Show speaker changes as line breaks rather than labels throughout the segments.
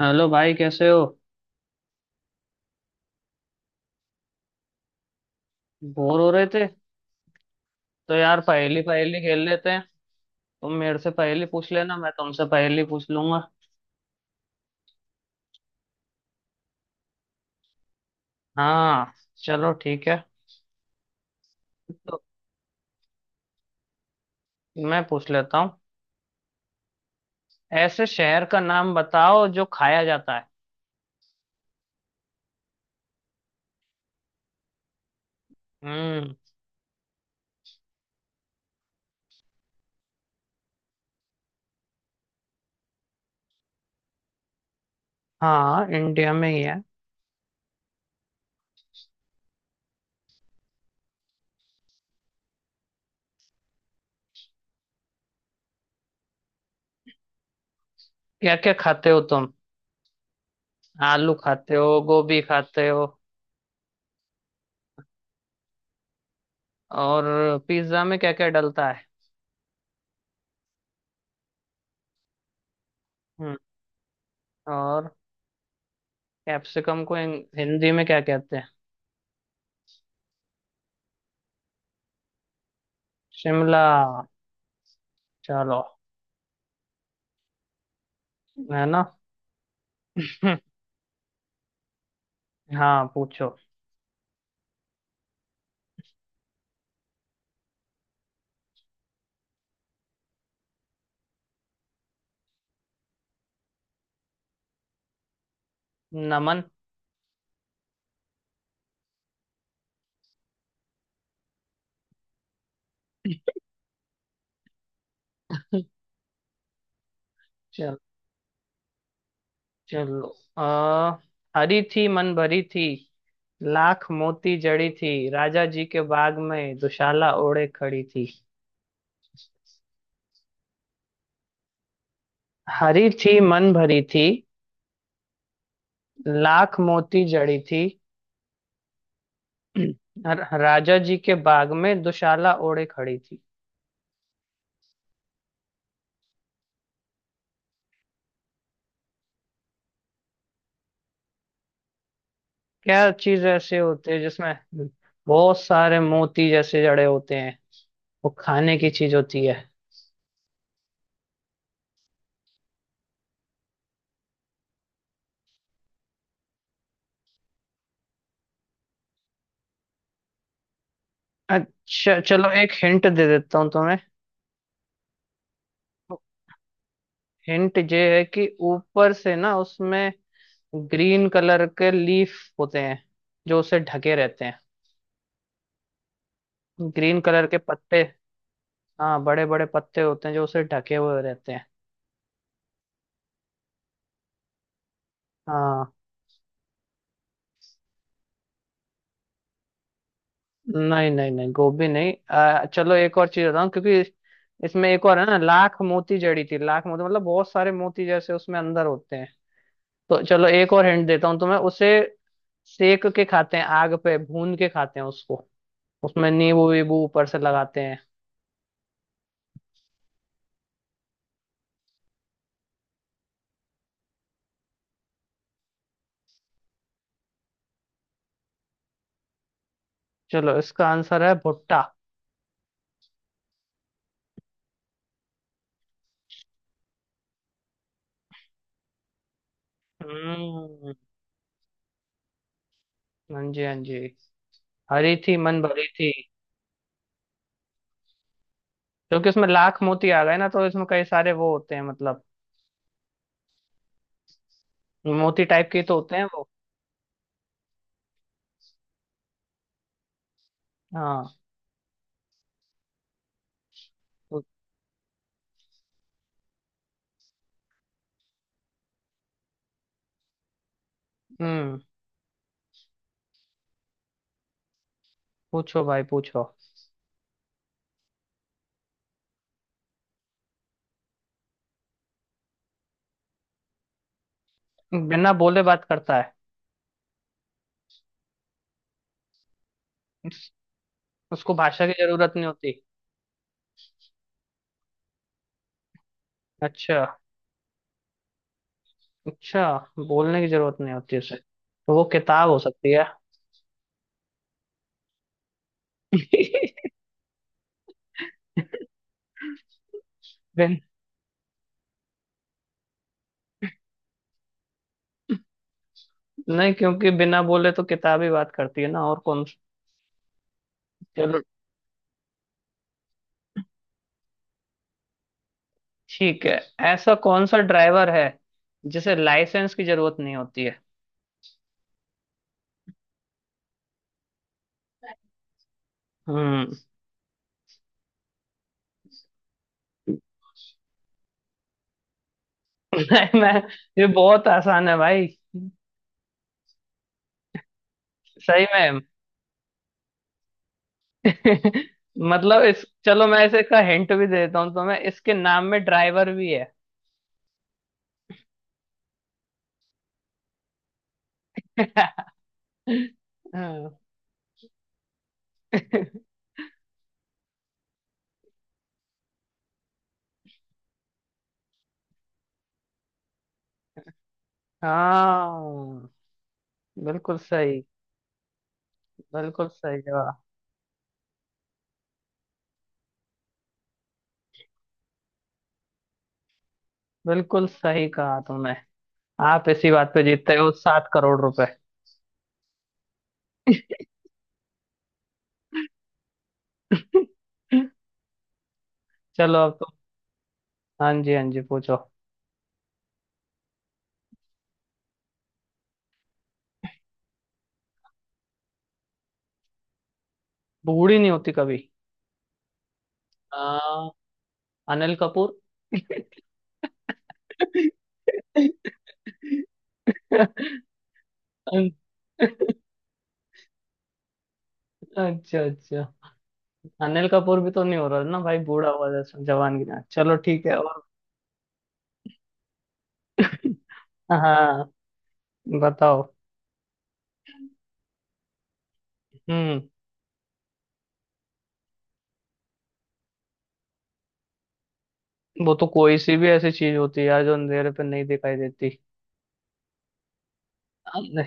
Hello भाई, कैसे हो। बोर हो रहे थे। तो यार पहेली पहेली खेल लेते हैं। तुम मेरे से पहेली पूछ लेना, मैं तुमसे पहेली पूछ लूंगा। हाँ, चलो ठीक है। तो मैं पूछ लेता हूँ। ऐसे शहर का नाम बताओ जो खाया जाता है। हम्म। हाँ, इंडिया में ही है। क्या क्या खाते हो तुम। आलू खाते हो, गोभी खाते हो, और पिज्जा में क्या क्या डलता है। हम्म। और कैप्सिकम को हिंदी में क्या कहते हैं। शिमला। चलो, है ना। हाँ, पूछो। नमन। चल, चलो हरी थी मन भरी थी, लाख मोती जड़ी थी, राजा जी के बाग में दुशाला ओढ़े खड़ी थी। हरी थी मन भरी थी, लाख मोती जड़ी थी, राजा जी के बाग में दुशाला ओढ़े खड़ी थी। क्या चीज ऐसे होते हैं जिसमें बहुत सारे मोती जैसे जड़े होते हैं। वो खाने की चीज होती है। अच्छा, चलो एक हिंट दे देता हूँ तुम्हें। हिंट ये है कि ऊपर से ना उसमें ग्रीन कलर के लीफ होते हैं जो उसे ढके रहते हैं। ग्रीन कलर के पत्ते। हाँ, बड़े बड़े पत्ते होते हैं जो उसे ढके हुए रहते हैं। हाँ। नहीं नहीं नहीं, गोभी नहीं। चलो एक और चीज बताऊँ क्योंकि इसमें एक और है ना, लाख मोती जड़ी थी, लाख मोती मतलब बहुत सारे मोती जैसे उसमें अंदर होते हैं। तो चलो एक और हिंट देता हूँ तुम्हें। उसे सेक के खाते हैं, आग पे भून के खाते हैं उसको। उसमें नींबू वीबू ऊपर से लगाते हैं। चलो, इसका आंसर है भुट्टा। हम्म। हाँ जी हाँ जी। हरी थी मन भरी थी, क्योंकि उसमें लाख मोती आ गए ना, तो इसमें कई सारे वो होते हैं मतलब। मोती टाइप के तो होते हैं वो। हाँ। तो- हम्म, पूछो भाई पूछो। बिना बोले बात करता है। उसको भाषा की जरूरत नहीं होती। अच्छा, अच्छा। बोलने की जरूरत नहीं होती उसे, तो वो किताब हो सकती है। बिन, नहीं, क्योंकि बिना बोले तो किताब ही बात करती है ना, और कौन। ठीक है। ऐसा कौन सा ड्राइवर है जिसे लाइसेंस की जरूरत नहीं होती है। हम्म। नहीं, मैं, ये बहुत आसान है भाई। सही में। मतलब इस, चलो मैं इसे का हिंट भी दे देता हूँ तो, मैं इसके नाम में ड्राइवर भी है। हाँ। हाँ, बिल्कुल सही। बिल्कुल सही जवाब। बिल्कुल सही कहा तुमने। आप इसी बात पे जीतते हो 7 करोड़ रुपए। चलो अब तो। हाँ जी हाँ जी, पूछो। बूढ़ी नहीं होती कभी। हाँ। अनिल कपूर। अच्छा, अच्छा। अनिल कपूर भी तो नहीं हो रहा ना भाई, बूढ़ा हुआ जैसा, जवान की ना। चलो ठीक है, और। हाँ, बताओ। हम्म। वो तो कोई सी भी ऐसी चीज होती है यार जो अंधेरे पे नहीं दिखाई देती। अच्छा।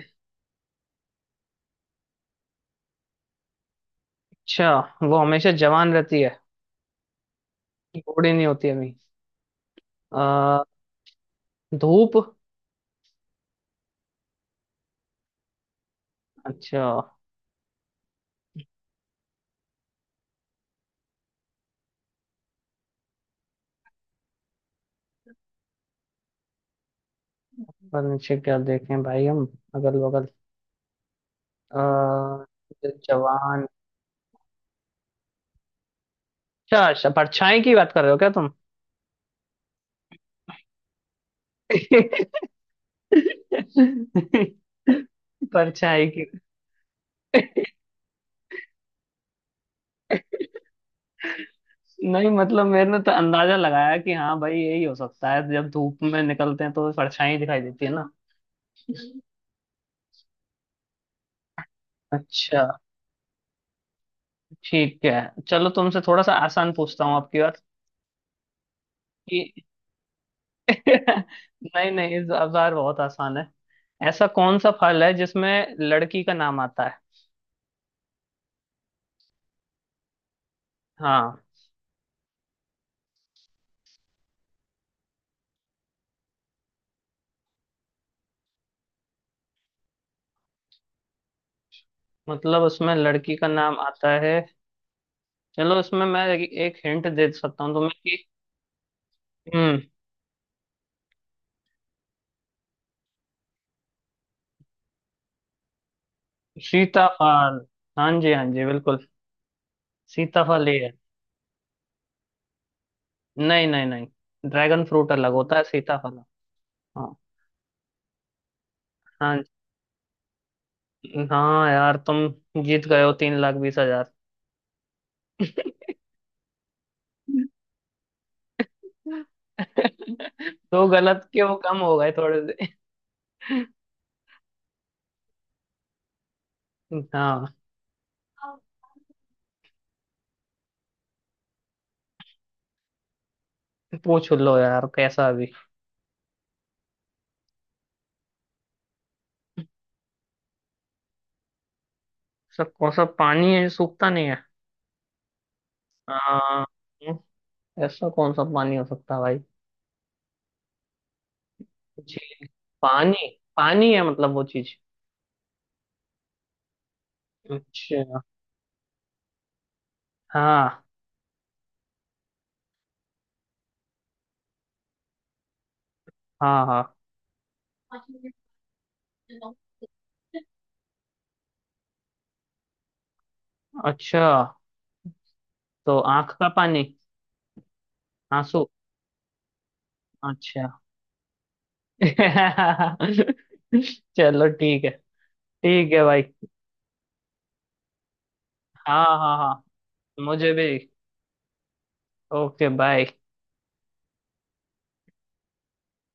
वो हमेशा जवान रहती है। बूढ़ी नहीं होती अभी। आ, धूप। अच्छा। पर नीचे क्या देखें भाई हम, अगल बगल। आ, जवान। अच्छा अच्छा, परछाई की बात कर रहे हो क्या तुम। परछाई की। नहीं, मतलब मैंने तो अंदाजा लगाया कि हाँ भाई यही हो सकता है, जब धूप में निकलते हैं तो परछाई दिखाई देती है ना। अच्छा। ठीक है। चलो तुमसे थोड़ा सा आसान पूछता हूँ, आपकी बात। कि नहीं नहीं, इस बार बहुत आसान है। ऐसा कौन सा फल है जिसमें लड़की का नाम आता है। हाँ, मतलब उसमें लड़की का नाम आता है। चलो इसमें मैं एक हिंट दे सकता हूँ तुम्हें कि, हम्म, सीताफल। हाँ जी हाँ जी, बिल्कुल। सीताफल ही है। नहीं नहीं नहीं, ड्रैगन फ्रूट अलग होता है। सीताफल। हाँ। हाँ जी। हाँ यार, तुम जीत गए हो 3 लाख 20 हजार। तो गलत के वो कम हो गए थोड़े से। हाँ, पूछ लो यार कैसा अभी। सब, कौन सा पानी है जो सूखता नहीं है। हाँ। ऐसा कौन सा पानी हो सकता है भाई। जी। पानी, पानी है मतलब वो चीज। अच्छा। हाँ हाँ हाँ। अच्छा, तो आंख का पानी। आंसू। अच्छा। चलो ठीक है। ठीक है भाई। हाँ हाँ हाँ, मुझे भी। Okay, bye.